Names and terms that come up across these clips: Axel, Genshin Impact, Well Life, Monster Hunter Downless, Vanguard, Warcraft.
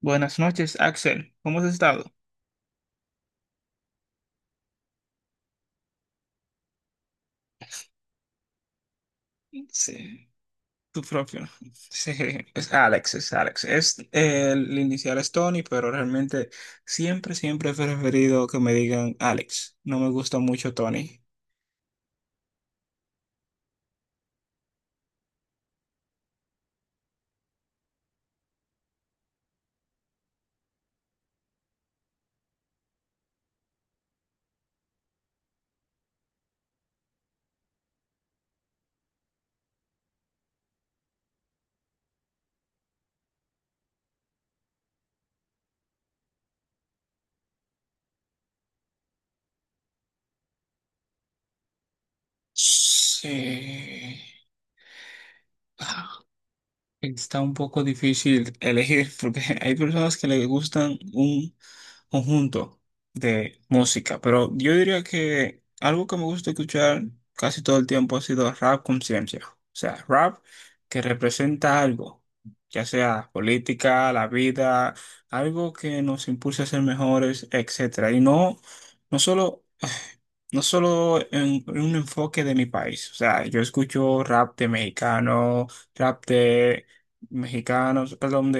Buenas noches, Axel. ¿Cómo has estado? Sí, tu propio. Sí, es Alex, es Alex. El inicial es Tony, pero realmente siempre, siempre he preferido que me digan Alex. No me gusta mucho Tony. Sí. Ah, Está un poco difícil elegir porque hay personas que les gustan un conjunto de música, pero yo diría que algo que me gusta escuchar casi todo el tiempo ha sido rap conciencia, o sea, rap que representa algo, ya sea política, la vida, algo que nos impulse a ser mejores, etcétera, y no, no solo no solo en un enfoque de mi país, o sea, yo escucho rap de mexicano, rap de mexicanos, perdón,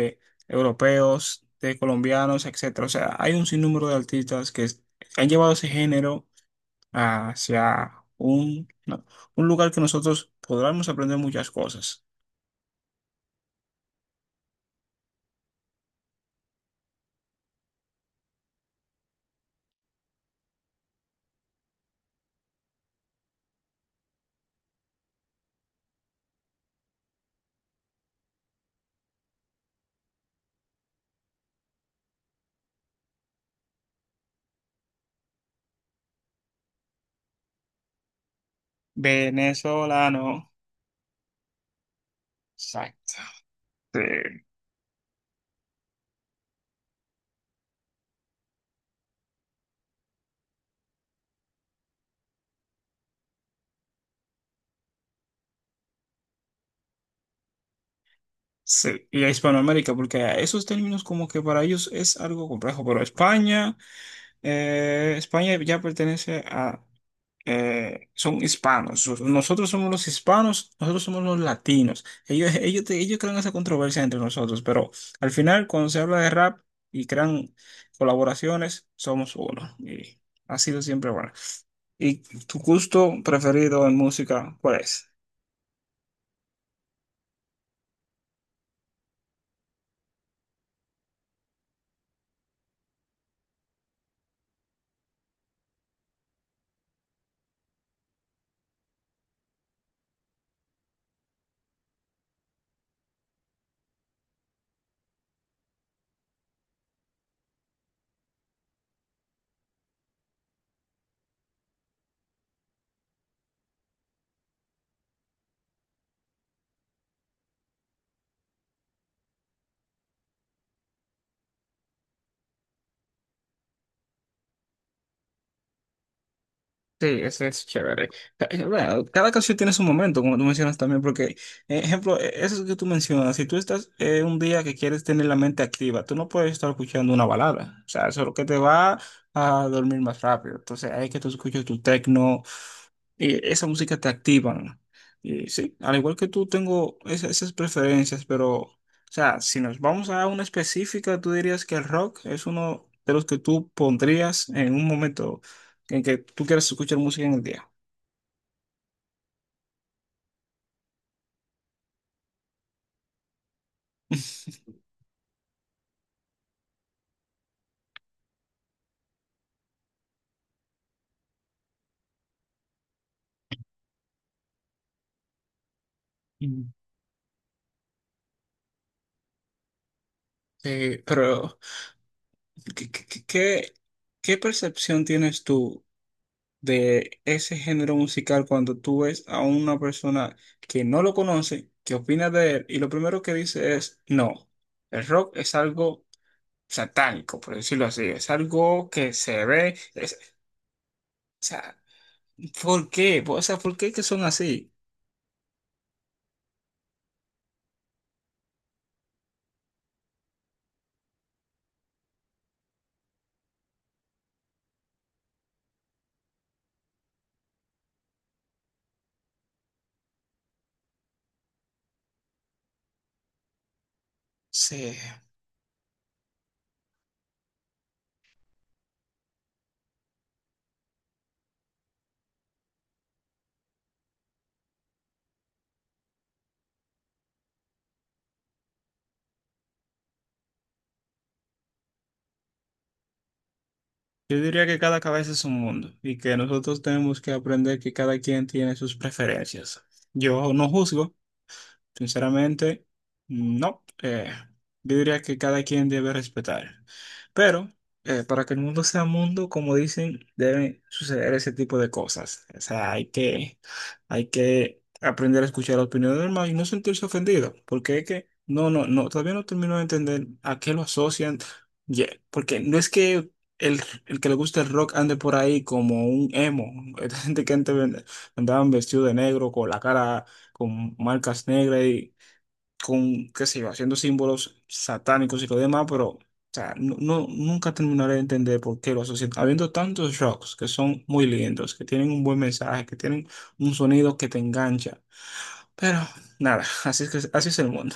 europeos, de colombianos, etcétera. O sea, hay un sinnúmero de artistas que han llevado ese género hacia un, no, un lugar que nosotros podremos aprender muchas cosas. Venezolano, exacto. Sí, sí. Y a Hispanoamérica, porque esos términos como que para ellos es algo complejo, pero España ya pertenece a son hispanos. Nosotros somos los hispanos, nosotros somos los latinos. Ellos crean esa controversia entre nosotros, pero al final, cuando se habla de rap y crean colaboraciones, somos uno. Y ha sido siempre bueno. ¿Y tu gusto preferido en música, cuál es? Sí, ese es chévere. Bueno, cada canción tiene su momento, como tú mencionas también, porque, ejemplo, eso que tú mencionas, si tú estás un día que quieres tener la mente activa, tú no puedes estar escuchando una balada. O sea, eso es lo que te va a dormir más rápido. Entonces, hay que tú escuches tu techno y esa música te activa. ¿No? Y sí, al igual que tú tengo esas preferencias, pero, o sea, si nos vamos a una específica, tú dirías que el rock es uno de los que tú pondrías en un momento en que tú quieras escuchar música en el día. Mm. Pero, ¿qué, qué, qué- qué- qué percepción tienes tú de ese género musical cuando tú ves a una persona que no lo conoce, que opina de él y lo primero que dice es, no, el rock es algo satánico, por decirlo así. Es algo que se ve. O sea, ¿por qué? O sea, ¿por qué que son así? Sí. Yo diría que cada cabeza es un mundo y que nosotros tenemos que aprender que cada quien tiene sus preferencias. Yo no juzgo. Sinceramente, no. Yo diría que cada quien debe respetar. Pero para que el mundo sea mundo, como dicen, deben suceder ese tipo de cosas. O sea, hay que aprender a escuchar la opinión del demás y no sentirse ofendido. Porque es que, no, no, no, todavía no termino de entender a qué lo asocian. Porque no es que el, el que le gusta el rock ande por ahí como un emo. Esta gente que antes andaban vestido de negro con la cara con marcas negras y con, qué sé yo, haciendo símbolos satánicos y lo demás, pero, o sea, no, nunca terminaré de entender por qué lo asocian. Habiendo tantos rocks que son muy lindos, que tienen un buen mensaje, que tienen un sonido que te engancha. Pero, nada, así es que, así es el mundo.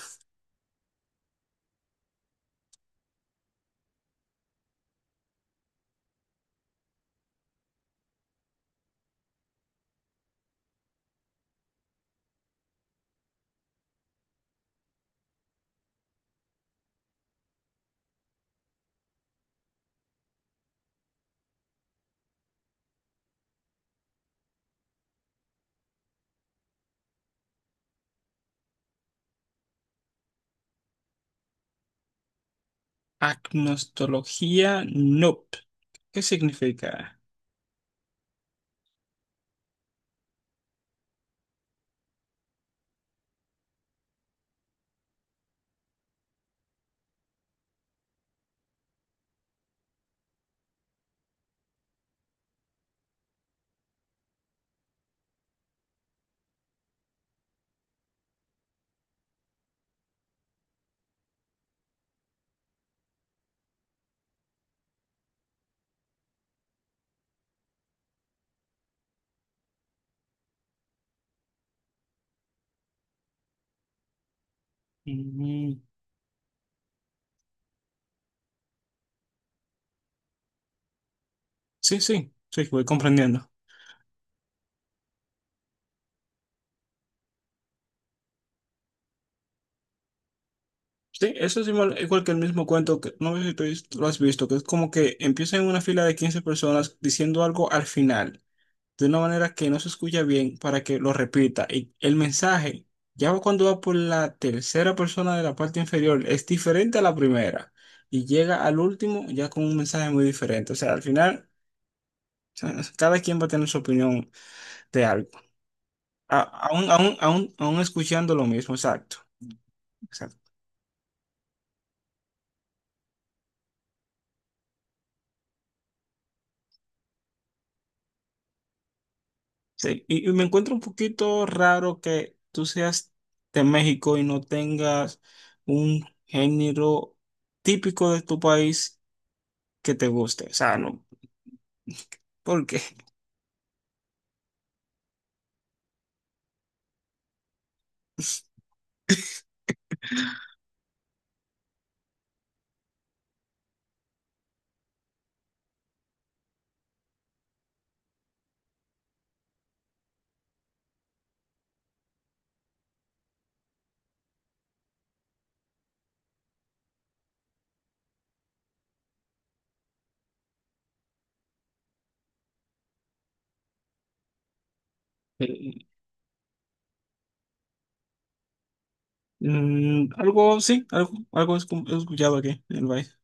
Agnostología, nope. ¿Qué significa? Mm, sí, sí, sí, voy comprendiendo. Sí, eso es igual, igual que el mismo cuento que no sé si lo has visto, que es como que empieza en una fila de 15 personas diciendo algo al final, de una manera que no se escucha bien para que lo repita. Y el mensaje, ya cuando va por la tercera persona de la parte inferior, es diferente a la primera y llega al último ya con un mensaje muy diferente. O sea, al final, o sea, cada quien va a tener su opinión de algo, A- aún, aún, aún, aún escuchando lo mismo, exacto. Sí, y me encuentro un poquito raro que tú seas de México y no tengas un género típico de tu país que te guste. O sea, no, porque algo sí, algo he he escuchado aquí en el país.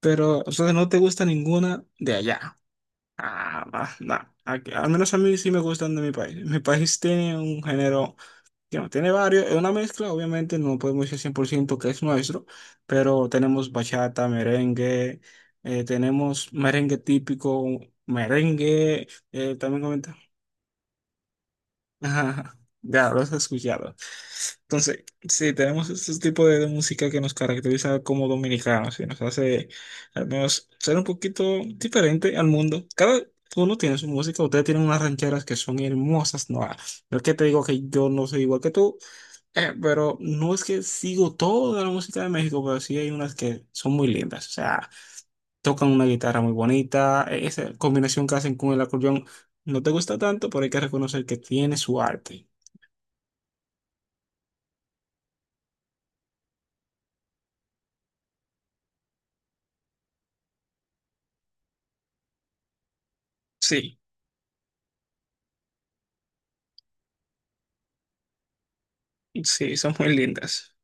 Pero, o sea, no te gusta ninguna de allá. Ah, va, no. Al menos a mí sí me gustan de mi país. Mi país tiene un género. Digamos, tiene varios, es una mezcla, obviamente no podemos decir 100% que es nuestro, pero tenemos bachata, merengue, tenemos merengue típico, merengue, también comenta. Ajá, ya lo has escuchado. Entonces, sí, tenemos este tipo de música que nos caracteriza como dominicanos y nos hace al menos ser un poquito diferente al mundo. Cada uno tiene su música, ustedes tienen unas rancheras que son hermosas, no, no es que te digo que yo no soy igual que tú. Pero no es que sigo toda la música de México, pero sí hay unas que son muy lindas. O sea, tocan una guitarra muy bonita. Esa combinación que hacen con el acordeón no te gusta tanto, pero hay que reconocer que tiene su arte. Sí, sí, son muy lindas.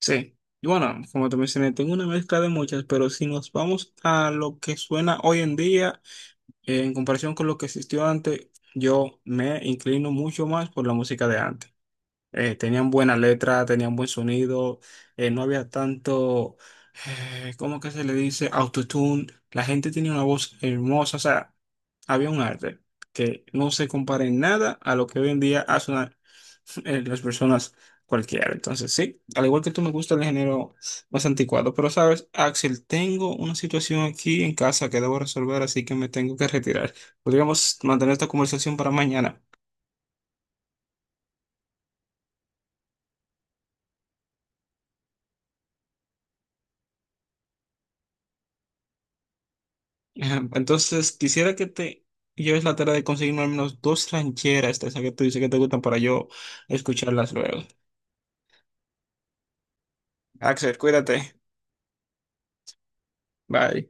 Sí. Y bueno, como te mencioné, tengo una mezcla de muchas, pero si nos vamos a lo que suena hoy en día, en comparación con lo que existió antes, yo me inclino mucho más por la música de antes. Tenían buena letra, tenían buen sonido, no había tanto, ¿cómo que se le dice? Autotune. La gente tenía una voz hermosa, o sea, había un arte que no se compara en nada a lo que hoy en día hacen las personas cualquiera. Entonces, sí, al igual que tú me gusta el género más anticuado, pero sabes, Axel, tengo una situación aquí en casa que debo resolver, así que me tengo que retirar. Podríamos mantener esta conversación para mañana. Ajá, entonces, quisiera que te lleves la tarea de conseguirme al menos dos rancheras de esas que tú dices que te gustan para yo escucharlas luego. Axel, cuídate. Bye.